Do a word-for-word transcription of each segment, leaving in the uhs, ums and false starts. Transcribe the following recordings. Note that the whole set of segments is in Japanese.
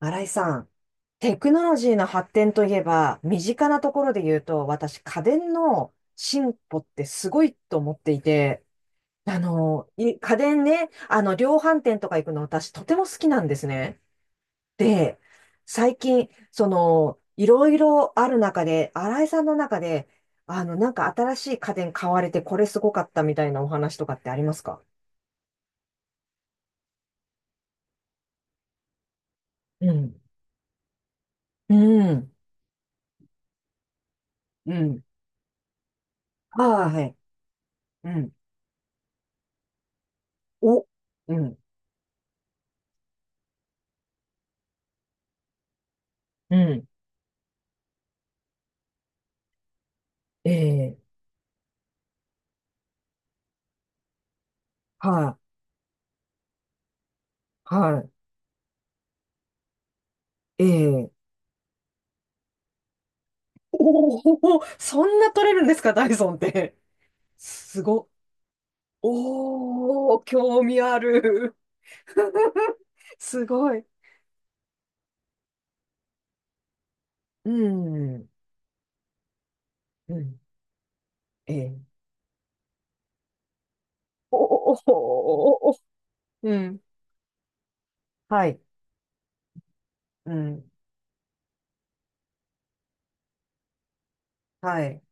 新井さん、テクノロジーの発展といえば、身近なところで言うと、私、家電の進歩ってすごいと思っていて、あの、い家電ね、あの、量販店とか行くの私、とても好きなんですね。で、最近、その、いろいろある中で、新井さんの中で、あの、なんか新しい家電買われて、これすごかったみたいなお話とかってありますか？うん。うん。うん。ああ、はい。うん。お。うん。うん。ええ、はい、はい、ええ、おお、そんな取れるんですか、ダイソンって。すごおお、興味ある。すごい。うん、うん、ええ、おお、おお、うん。はい。うん。はい。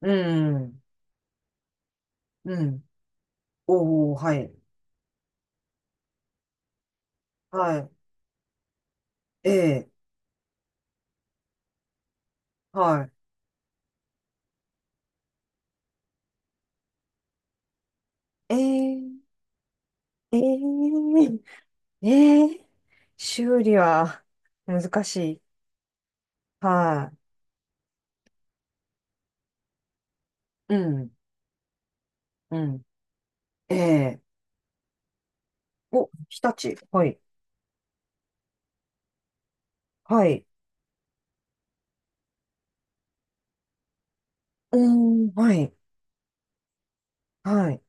うん。うん。おお、はい。はい。ええ、はい。ええ、ええ、ええ、修理は難しい。はい。うん。うん。ええ、お、日立。はい。はい。うーん、はい。はい。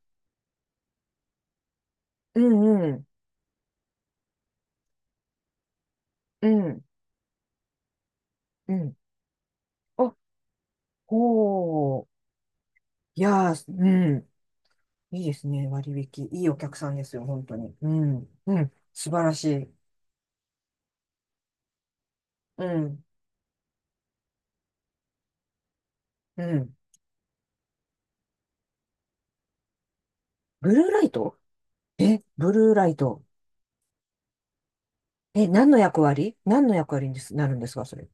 うん、うん、うん、うん。あ、ほう。いやー、うん。いいですね、割引。いいお客さんですよ、本当に。うん、うん。素晴らしい。うん、うん。ブルーライト。え、ブルーライト。え、何の役割何の役割にですなるんですか、それ。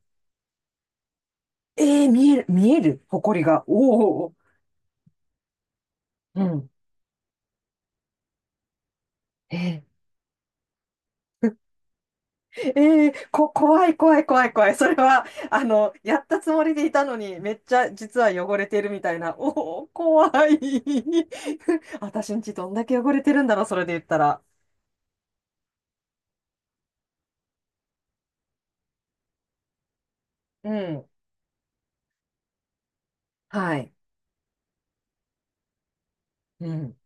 えー、見える、見える、埃が。おお。うん。えー ええこ、怖い怖い怖い怖い。それは、あの、やったつもりでいたのに、めっちゃ実は汚れてるみたいな。おお、怖い。私んちどんだけ汚れてるんだろう、それで言ったら。うん。はい。うん。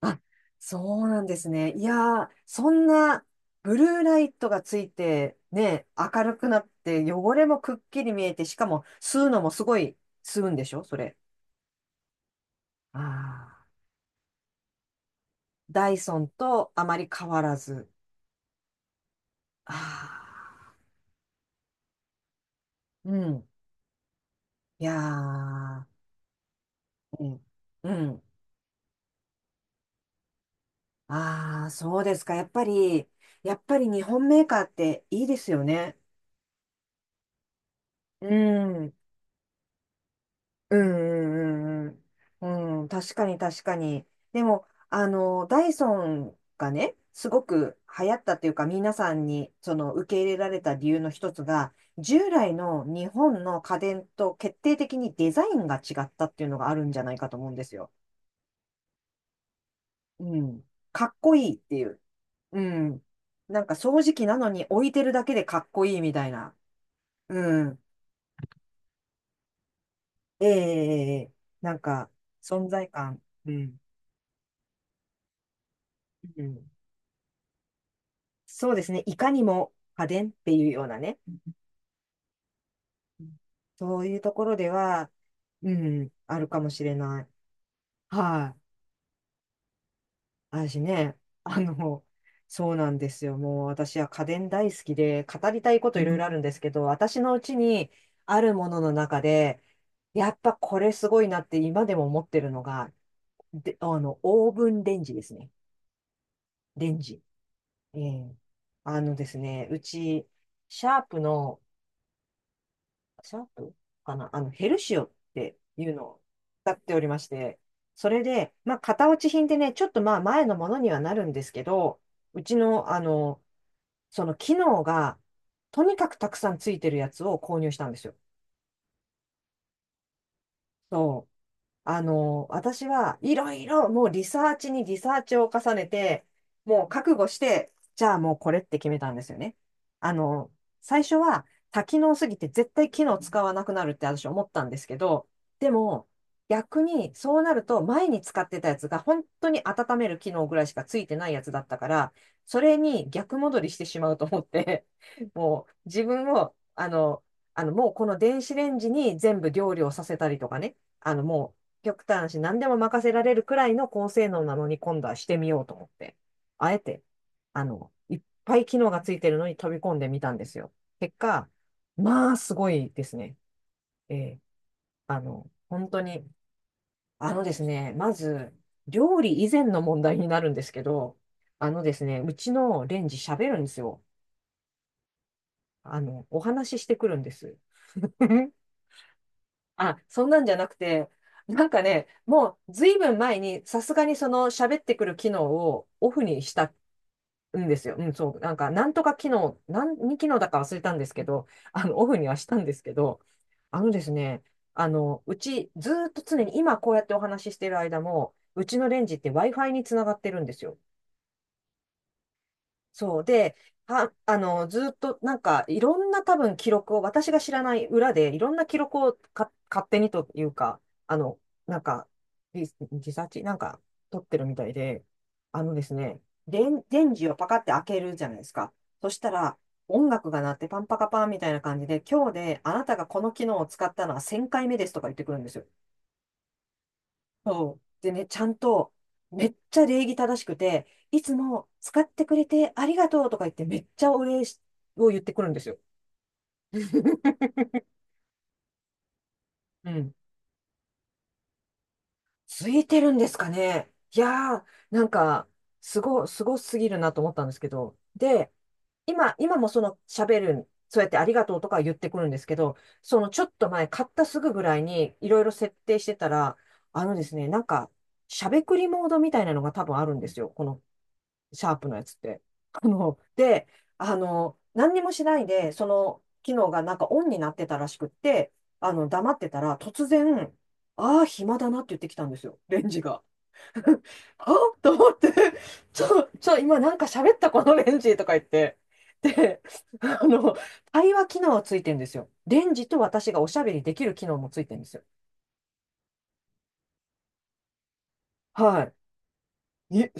あ、そうなんですね。いやー、そんなブルーライトがついて、ね、明るくなって、汚れもくっきり見えて、しかも吸うのもすごい吸うんでしょ、それ。ああ、ダイソンとあまり変わらず。ああ。うん。いやー、うん。うん。ああ、そうですか。やっぱり、やっぱり日本メーカーっていいですよね。うん。うんうんうんうん。うん。確かに確かに。でも、あの、ダイソンがね、すごく流行ったというか、皆さんにその受け入れられた理由の一つが、従来の日本の家電と決定的にデザインが違ったっていうのがあるんじゃないかと思うんですよ。うん。かっこいいっていう。うん。なんか掃除機なのに置いてるだけでかっこいいみたいな。うん。ええええええ、なんか、存在感。うん。うん。そうですね。いかにも家電っていうようなね。うん、そういうところでは、うん、あるかもしれない。はい。私ね、あの、そうなんですよ。もう私は家電大好きで、語りたいこといろいろあるんですけど、私のうちにあるものの中で、やっぱこれすごいなって今でも思ってるのが、で、あの、オーブンレンジですね。レンジ。ええ、あのですね、うち、シャープの、シャープかな、あの、ヘルシオっていうのを使っておりまして、それで、まあ、型落ち品でね、ちょっとまあ、前のものにはなるんですけど、うちの、あの、その機能が、とにかくたくさんついてるやつを購入したんですよ。そう。あの、私はいろいろもうリサーチにリサーチを重ねて、もう覚悟して、じゃあもうこれって決めたんですよね。あの、最初は多機能すぎて絶対機能使わなくなるって私思ったんですけど、でも逆にそうなると前に使ってたやつが本当に温める機能ぐらいしかついてないやつだったから、それに逆戻りしてしまうと思って、もう自分を、あの、あのもうこの電子レンジに全部料理をさせたりとかね、あの、もう極端だし、何でも任せられるくらいの高性能なのに今度はしてみようと思って、あえて、あの、いっぱい機能がついてるのに飛び込んでみたんですよ。結果、まあ、すごいですね。ええ、あの、本当に、あのですね、まず、料理以前の問題になるんですけど、あのですね、うちのレンジ喋るんですよ。あの、お話ししてくるんです。あ、そんなんじゃなくて、なんかね、もうずいぶん前にさすがにその喋ってくる機能をオフにしたんですよ。うん、そう、なんかなんとか機能、何機能だか忘れたんですけど、あの、オフにはしたんですけど、あのですね、あの、うちずーっと常に今こうやってお話ししてる間も、うちのレンジって ワイファイ につながってるんですよ。そうで、は、あの、ずっとなんかいろんな多分記録を、私が知らない裏でいろんな記録をか勝手にというか、あの、なんか、リリサーチなんか取ってるみたいで、あのですね、電、電池をパカって開けるじゃないですか。そしたら、音楽が鳴ってパンパカパンみたいな感じで、今日であなたがこの機能を使ったのはせんかいめですとか言ってくるんですよ。そう。でね、ちゃんと、めっちゃ礼儀正しくて、いつも使ってくれてありがとうとか言って、めっちゃお礼しを言ってくるんですよ。うん。ついてるんですかね。いやー、なんか、すご、すごすぎるなと思ったんですけど。で、今、今、もその喋る、そうやってありがとうとか言ってくるんですけど、そのちょっと前、買ったすぐぐらいにいろいろ設定してたら、あのですね、なんか、しゃべくりモードみたいなのが多分あるんですよ。このシャープのやつって。あの、で、あの、何にもしないで、その機能がなんかオンになってたらしくって、あの、黙ってたら、突然、ああ、暇だなって言ってきたんですよ、レンジが。あと思って、ちょ、ちょ、今なんか喋ったこのレンジとか言って。で、あの、対話機能はついてんですよ。レンジと私がおしゃべりできる機能もついてんですよ。はい。え、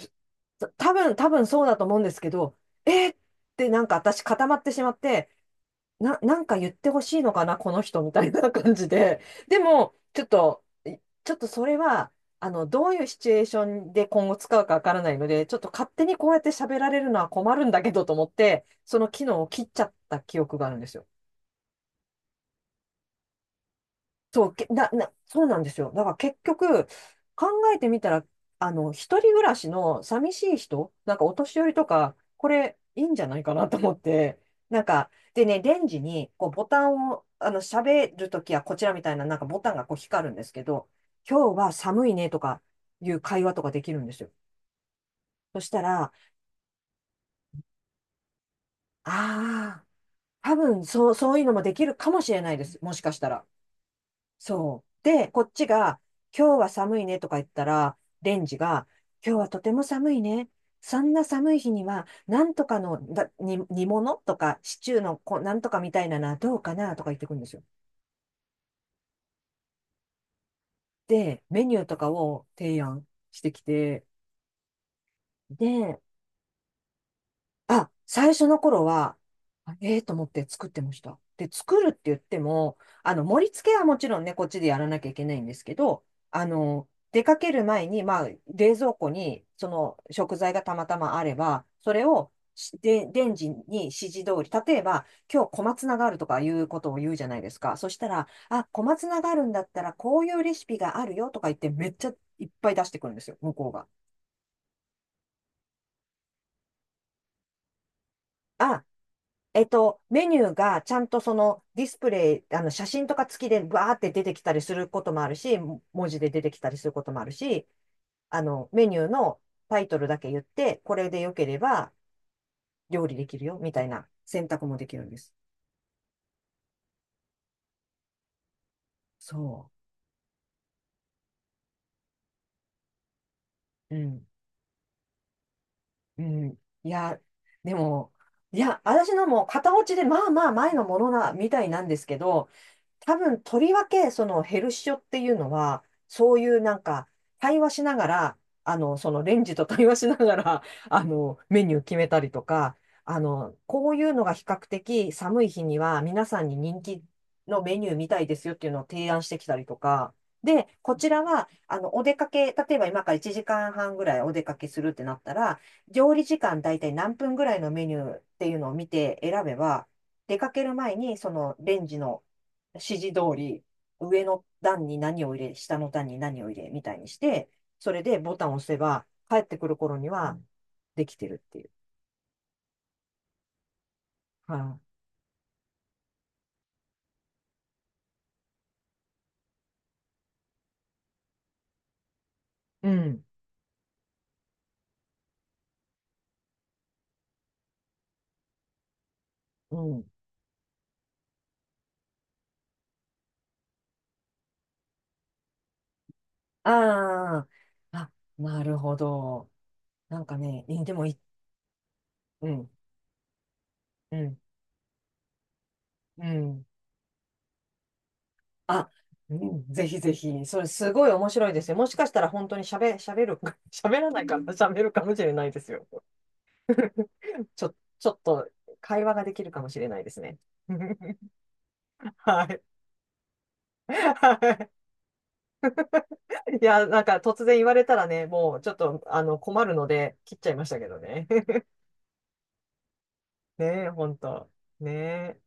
た多分、多分そうだと思うんですけど、えーってなんか私固まってしまって、な、なんか言ってほしいのかな、この人みたいな感じで。でも、ちょっと、ちょっとそれは、あの、どういうシチュエーションで今後使うかわからないので、ちょっと勝手にこうやって喋られるのは困るんだけどと思って、その機能を切っちゃった記憶があるんですよ。そう、けな、な、そうなんですよ。だから結局、考えてみたら、あの、一人暮らしの寂しい人、なんかお年寄りとか、これいいんじゃないかなと思って、なんか、でね、レンジにこうボタンを、あの、喋るときはこちらみたいな、なんかボタンがこう光るんですけど、今日は寒いねとかいう会話とかできるんですよ。そしたら、ああ、多分そう、そういうのもできるかもしれないです。もしかしたら。そう。で、こっちが、今日は寒いねとか言ったら、レンジが、今日はとても寒いね。そんな寒い日には、なんとかのだ煮、煮物とか、シチューのこうなんとかみたいなのはどうかなとか言ってくるんですよ。で、メニューとかを提案してきて、で、あ、最初の頃は、あええと思って作ってました。で、作るって言っても、あの、盛り付けはもちろんね、こっちでやらなきゃいけないんですけど、あの、出かける前に、まあ、冷蔵庫にその食材がたまたまあれば、それをしで、レンジに指示通り、例えば、今日小松菜があるとかいうことを言うじゃないですか。そしたら、あ、小松菜があるんだったら、こういうレシピがあるよとか言って、めっちゃいっぱい出してくるんですよ、向こうが。あ、えっと、メニューがちゃんとそのディスプレイ、あの写真とか付きでバーって出てきたりすることもあるし、文字で出てきたりすることもあるし、あの、メニューのタイトルだけ言って、これで良ければ料理できるよ、みたいな選択もできるんです。そう。うん。うん。いや、でも、いや、私のも片落ちで、まあまあ前のものな、みたいなんですけど、多分、とりわけ、そのヘルシオっていうのは、そういうなんか、対話しながら、あの、そのレンジと対話しながら、あの、メニュー決めたりとか、あの、こういうのが比較的寒い日には皆さんに人気のメニューみたいですよっていうのを提案してきたりとか、で、こちらは、あの、お出かけ、例えば今からいちじかんはんぐらいお出かけするってなったら、料理時間大体何分ぐらいのメニューっていうのを見て選べば、出かける前にそのレンジの指示通り、上の段に何を入れ、下の段に何を入れみたいにして、それでボタンを押せば、帰ってくる頃にはできてるっていう。はい、うん、うん。ああ、あ、なるほど。なんかね、いでもい、うん、うん、うん。あ、うんぜひぜひ、それすごい面白いですよ。もしかしたら本当に喋、喋る、喋らないかな、喋るかもしれないですよ。ちょ、ちょっと会話ができるかもしれないですね。はい。はい。いや、なんか突然言われたらね、もうちょっとあの困るので切っちゃいましたけどね。ねえ、本当。ねえ。